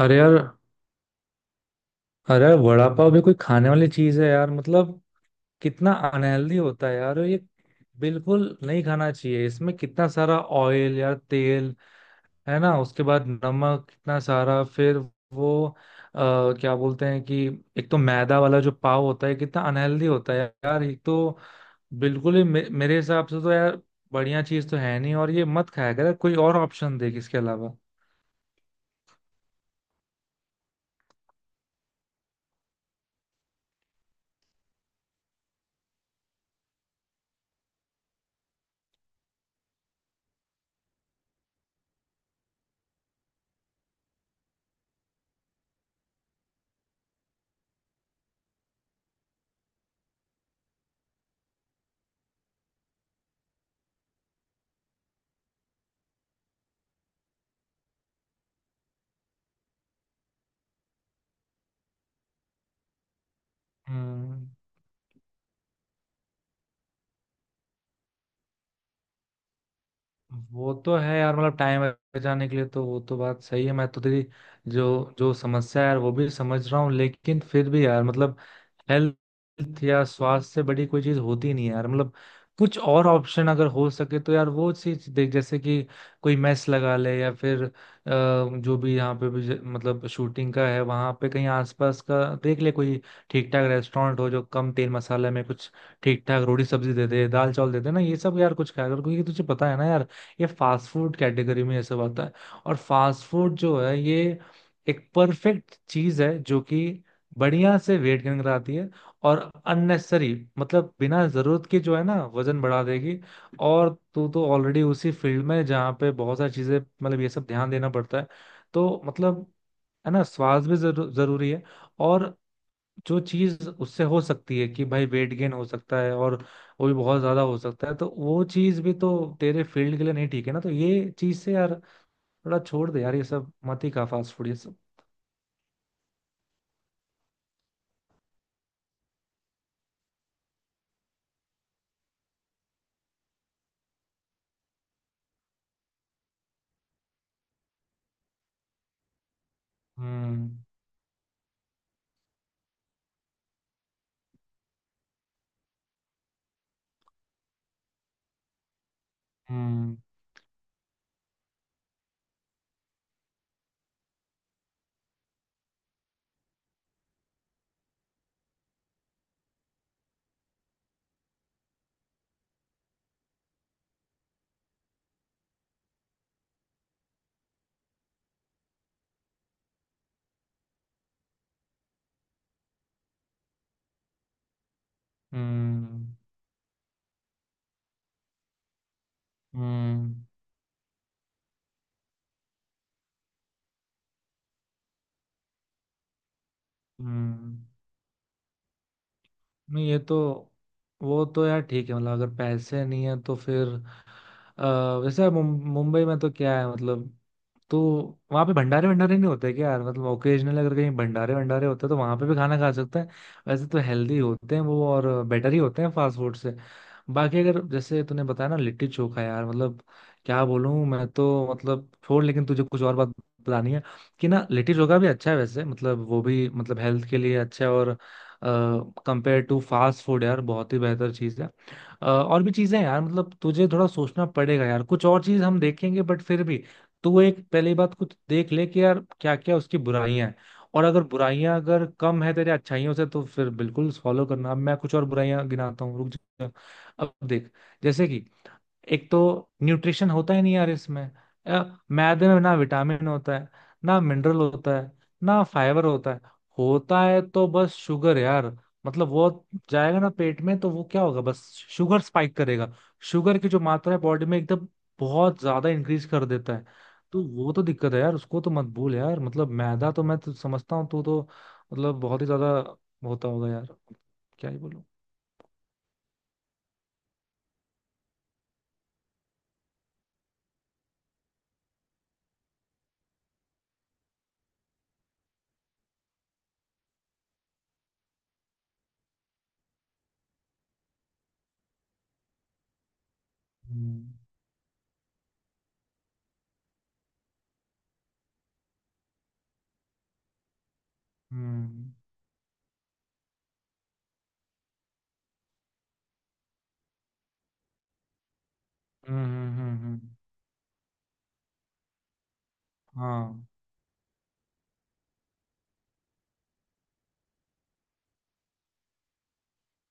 अरे यार। अरे यार, वड़ा पाव भी कोई खाने वाली चीज है यार? मतलब कितना अनहेल्दी होता है यार ये। बिल्कुल नहीं खाना चाहिए। इसमें कितना सारा ऑयल यार, तेल है ना। उसके बाद नमक कितना सारा। फिर वो क्या बोलते हैं कि एक तो मैदा वाला जो पाव होता है कितना अनहेल्दी होता है यार ये तो। बिल्कुल ही मेरे हिसाब से तो यार बढ़िया चीज तो है नहीं। और ये मत खाया कर, कोई और ऑप्शन देख इसके अलावा। हम्म। वो तो है यार। मतलब टाइम बचाने के लिए तो वो तो बात सही है। मैं तो तेरी जो जो समस्या है यार वो भी समझ रहा हूँ, लेकिन फिर भी यार मतलब हेल्थ या स्वास्थ्य से बड़ी कोई चीज होती नहीं है यार। मतलब कुछ और ऑप्शन अगर हो सके तो यार वो चीज देख। जैसे कि कोई मेस लगा ले, या फिर जो भी यहाँ पे भी मतलब शूटिंग का है वहां पे कहीं आसपास का देख ले, कोई ठीक ठाक रेस्टोरेंट हो जो कम तेल मसाले में कुछ ठीक ठाक रोटी सब्जी दे दे, दाल चावल दे दे ना ये सब। यार कुछ खाया कर, क्योंकि तुझे पता है ना यार ये फास्ट फूड कैटेगरी में ये सब आता है। और फास्ट फूड जो है ये एक परफेक्ट चीज है जो कि बढ़िया से वेट गेन कराती है। और अननेसेसरी, मतलब बिना जरूरत के, जो है ना वजन बढ़ा देगी। और तू तो ऑलरेडी उसी फील्ड में है जहाँ पे बहुत सारी चीजें मतलब ये सब ध्यान देना पड़ता है। तो मतलब है ना, स्वास्थ्य भी जरूरी है। और जो चीज उससे हो सकती है कि भाई वेट गेन हो सकता है, और वो भी बहुत ज्यादा हो सकता है। तो वो चीज भी तो तेरे फील्ड के लिए नहीं ठीक है ना। तो ये चीज से यार थोड़ा छोड़ दे यार, ये सब मत ही खा फास्ट फूड ये सब। हम्म। हम्म। हम्म। हम्म। हम्म। नहीं ये तो वो तो यार ठीक है। मतलब अगर पैसे नहीं है तो फिर अ, वैसे मुंबई में तो क्या है मतलब। तो वहाँ पे भंडारे भंडारे नहीं होते क्या यार? मतलब ओकेजनल अगर कहीं भंडारे भंडारे होते तो वहाँ पे भी खाना खा सकते हैं। वैसे तो हेल्दी होते हैं वो, और बेटर ही होते हैं फास्ट फूड से। बाकी अगर जैसे तूने बताया ना लिट्टी चोखा, यार मतलब क्या बोलूँ मैं तो। मतलब छोड़, लेकिन तुझे कुछ और बात बतानी है कि ना लिट्टी चोखा भी अच्छा है वैसे। मतलब वो भी मतलब हेल्थ के लिए अच्छा है, और कंपेयर टू फास्ट फूड यार बहुत ही बेहतर चीज़ है। और भी चीजें हैं यार मतलब। तुझे थोड़ा सोचना पड़ेगा यार, कुछ और चीज हम देखेंगे, बट फिर भी तू एक पहली बात कुछ देख ले कि यार क्या क्या उसकी बुराइयां हैं। और अगर बुराइयां अगर कम है तेरे अच्छाइयों से तो फिर बिल्कुल फॉलो करना। अब मैं कुछ और बुराइयां गिनाता हूँ, रुक जा। अब देख, जैसे कि एक तो न्यूट्रिशन होता ही नहीं यार इसमें। अ, मैदे में ना विटामिन होता है, ना मिनरल होता है, ना फाइबर होता है। होता है तो बस शुगर यार। मतलब वो जाएगा ना पेट में तो वो क्या होगा, बस शुगर स्पाइक करेगा। शुगर की जो मात्रा है बॉडी में एकदम बहुत ज्यादा इंक्रीज कर देता है। तो वो तो दिक्कत है यार, उसको तो मत भूल यार। मतलब मैदा तो मैं तो समझता हूँ तू तो मतलब बहुत ही ज्यादा होता होगा यार, क्या ही बोलूं। हम्म। हम्म। हम्म। हम्म। हाँ।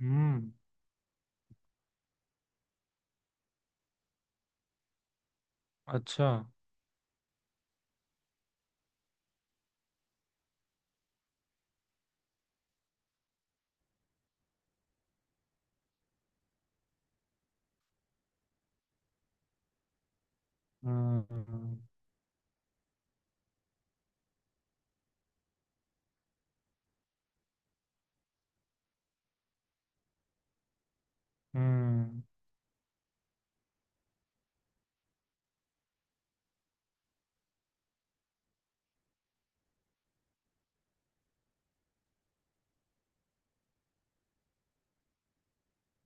हम्म। अच्छा। हम्म। हम्म।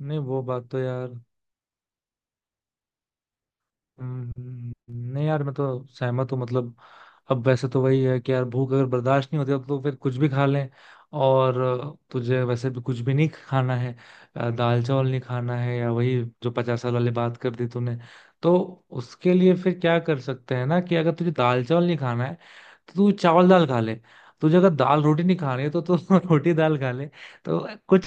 नहीं वो बात तो यार। नहीं यार मैं तो सहमत हूँ। मतलब अब वैसे तो वही है कि यार भूख अगर बर्दाश्त नहीं होती अब तो फिर कुछ भी खा लें। और तुझे वैसे भी कुछ भी नहीं खाना है। दाल चावल नहीं खाना है, या वही जो 50 साल वाले बात कर दी तूने। तो उसके लिए फिर क्या कर सकते हैं ना, कि अगर तुझे दाल चावल नहीं खाना है तो तू चावल दाल खा ले। तुझे अगर दाल रोटी नहीं खानी है तो तू रोटी दाल खा ले। तो कुछ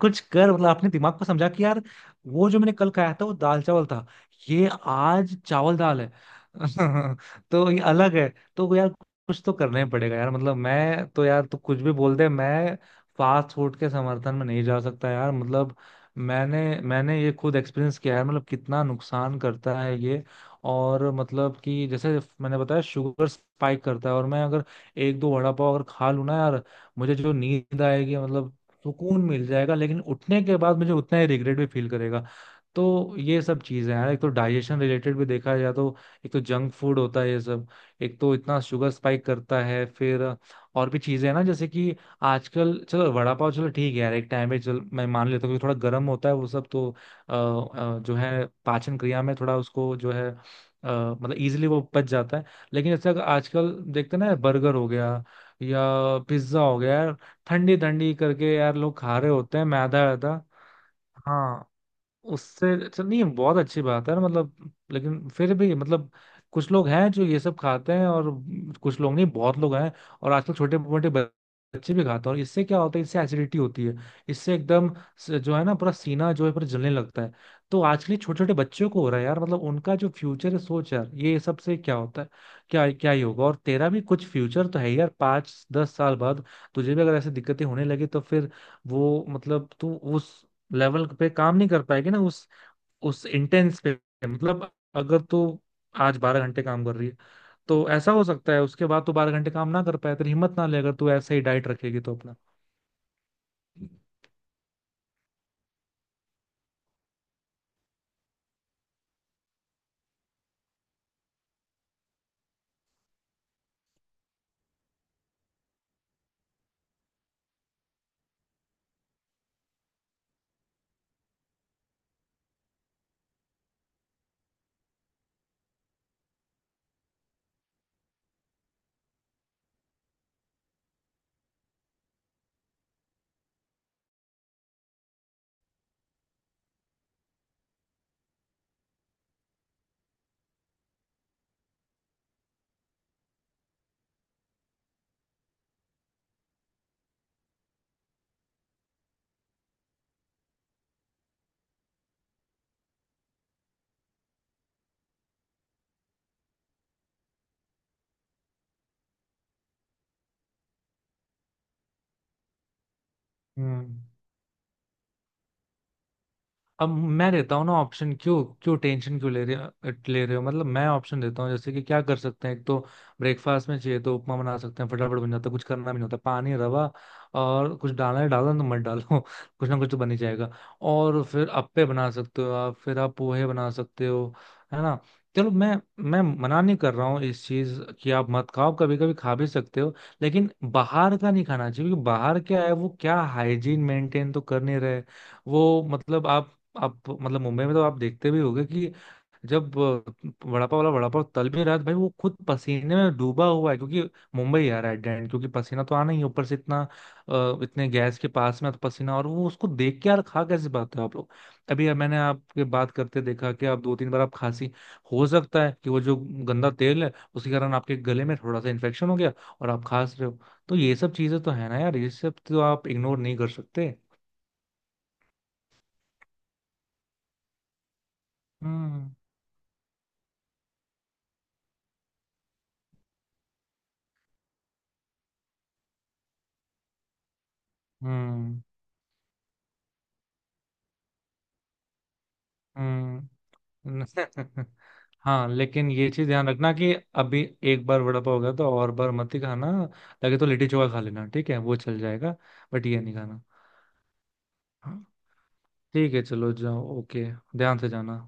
कुछ कर। मतलब अपने दिमाग को समझा कि यार वो जो मैंने कल खाया था वो दाल चावल था, ये आज चावल दाल है। तो ये अलग है। तो यार कुछ तो करना ही पड़ेगा यार। मतलब मैं तो यार, तू कुछ भी बोल दे, मैं फास्ट फूड के समर्थन में नहीं जा सकता यार। मतलब मैंने मैंने ये खुद एक्सपीरियंस किया है, मतलब कितना नुकसान करता है ये। और मतलब कि जैसे मैंने बताया शुगर स्पाइक करता है, और मैं अगर 1-2 वड़ा पाव अगर खा लूँ ना यार, मुझे जो नींद आएगी मतलब सुकून मिल जाएगा, लेकिन उठने के बाद मुझे उतना ही रिग्रेट भी फील करेगा। तो ये सब चीजें हैं यार। एक तो डाइजेशन रिलेटेड भी देखा जाए तो एक तो जंक फूड होता है ये सब। एक तो इतना शुगर स्पाइक करता है। फिर और भी चीजें हैं ना, जैसे कि आजकल चलो वड़ा पाव चलो ठीक है यार, एक टाइम पे चल मैं मान लेता हूँ कि थोड़ा गर्म होता है वो सब तो जो है पाचन क्रिया में थोड़ा उसको जो है मतलब इजीली वो पच जाता है। लेकिन जैसे अगर आजकल देखते हैं ना, बर्गर हो गया या पिज्जा हो गया, ठंडी ठंडी करके यार लोग खा रहे होते हैं मैदा वैदा। हाँ, उससे अच्छा नहीं बहुत अच्छी बात है ना मतलब, लेकिन फिर भी मतलब कुछ लोग हैं जो ये सब खाते हैं, और कुछ लोग नहीं, बहुत लोग हैं। और आजकल छोटे मोटे बच्चे भी खाते हैं, और इससे क्या होता है, इससे एसिडिटी होती है। इससे एकदम जो है ना पूरा सीना जो है पूरा जलने लगता है। तो आजकल छोटे छोटे बच्चों को हो रहा है यार। मतलब उनका जो फ्यूचर है सोच यार, ये सब से क्या होता है, क्या क्या ही होगा। और तेरा भी कुछ फ्यूचर तो है ही यार, 5-10 साल बाद तुझे भी अगर ऐसी दिक्कतें होने लगी तो फिर वो मतलब तू उस लेवल पे काम नहीं कर पाएगी ना, उस इंटेंस पे। मतलब अगर तू आज 12 घंटे काम कर रही है तो ऐसा हो सकता है उसके बाद तू 12 घंटे काम ना कर पाए। तेरी हिम्मत ना ले अगर तू ऐसे ही डाइट रखेगी तो अपना। हम्म। अब मैं देता हूँ ना ऑप्शन, क्यों क्यों टेंशन क्यों ले रहे हो मतलब। मैं ऑप्शन देता हूँ, जैसे कि क्या कर सकते हैं, एक तो ब्रेकफास्ट में चाहिए तो उपमा बना सकते हैं। फटाफट बन जाता है, कुछ करना भी नहीं होता, पानी रवा और कुछ डालना है डालना, तो मत डालो कुछ ना कुछ तो बन ही जाएगा। और फिर अप्पे बना सकते हो आप, फिर आप पोहे बना सकते हो, है ना। चलो, मैं मना नहीं कर रहा हूँ इस चीज कि आप मत खाओ, कभी कभी खा भी सकते हो। लेकिन बाहर का नहीं खाना चाहिए, क्योंकि बाहर क्या है, वो क्या हाइजीन मेंटेन तो कर नहीं रहे। वो मतलब आप मतलब मुंबई में तो आप देखते भी होंगे कि जब वड़ा पाव वाला वड़ा पाव तल भी रहा है, तो भाई वो खुद पसीने में डूबा हुआ है, क्योंकि मुंबई आ रहा है डेंट, क्योंकि पसीना तो आना ही है, ऊपर से इतना इतने गैस के पास में तो पसीना, और वो उसको देख के यार खा कैसे पाते हो आप लोग। अभी मैंने आपके बात करते देखा कि आप 2-3 बार आप खांसी। हो सकता है कि वो जो गंदा तेल है उसके कारण आपके गले में थोड़ा सा इन्फेक्शन हो गया और आप खांस रहे हो। तो ये सब चीजें तो है ना यार, ये सब तो आप इग्नोर नहीं कर सकते। हम्म। हम्म। हम्म। हाँ, लेकिन ये चीज ध्यान रखना कि अभी एक बार वड़ा पाव हो गया तो और बार मत ही खाना। लगे तो लिट्टी चोखा खा लेना, ठीक है, वो चल जाएगा। बट ये नहीं खाना। हाँ, ठीक है चलो जाओ। ओके, ध्यान से जाना।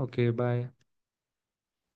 Okay, bye.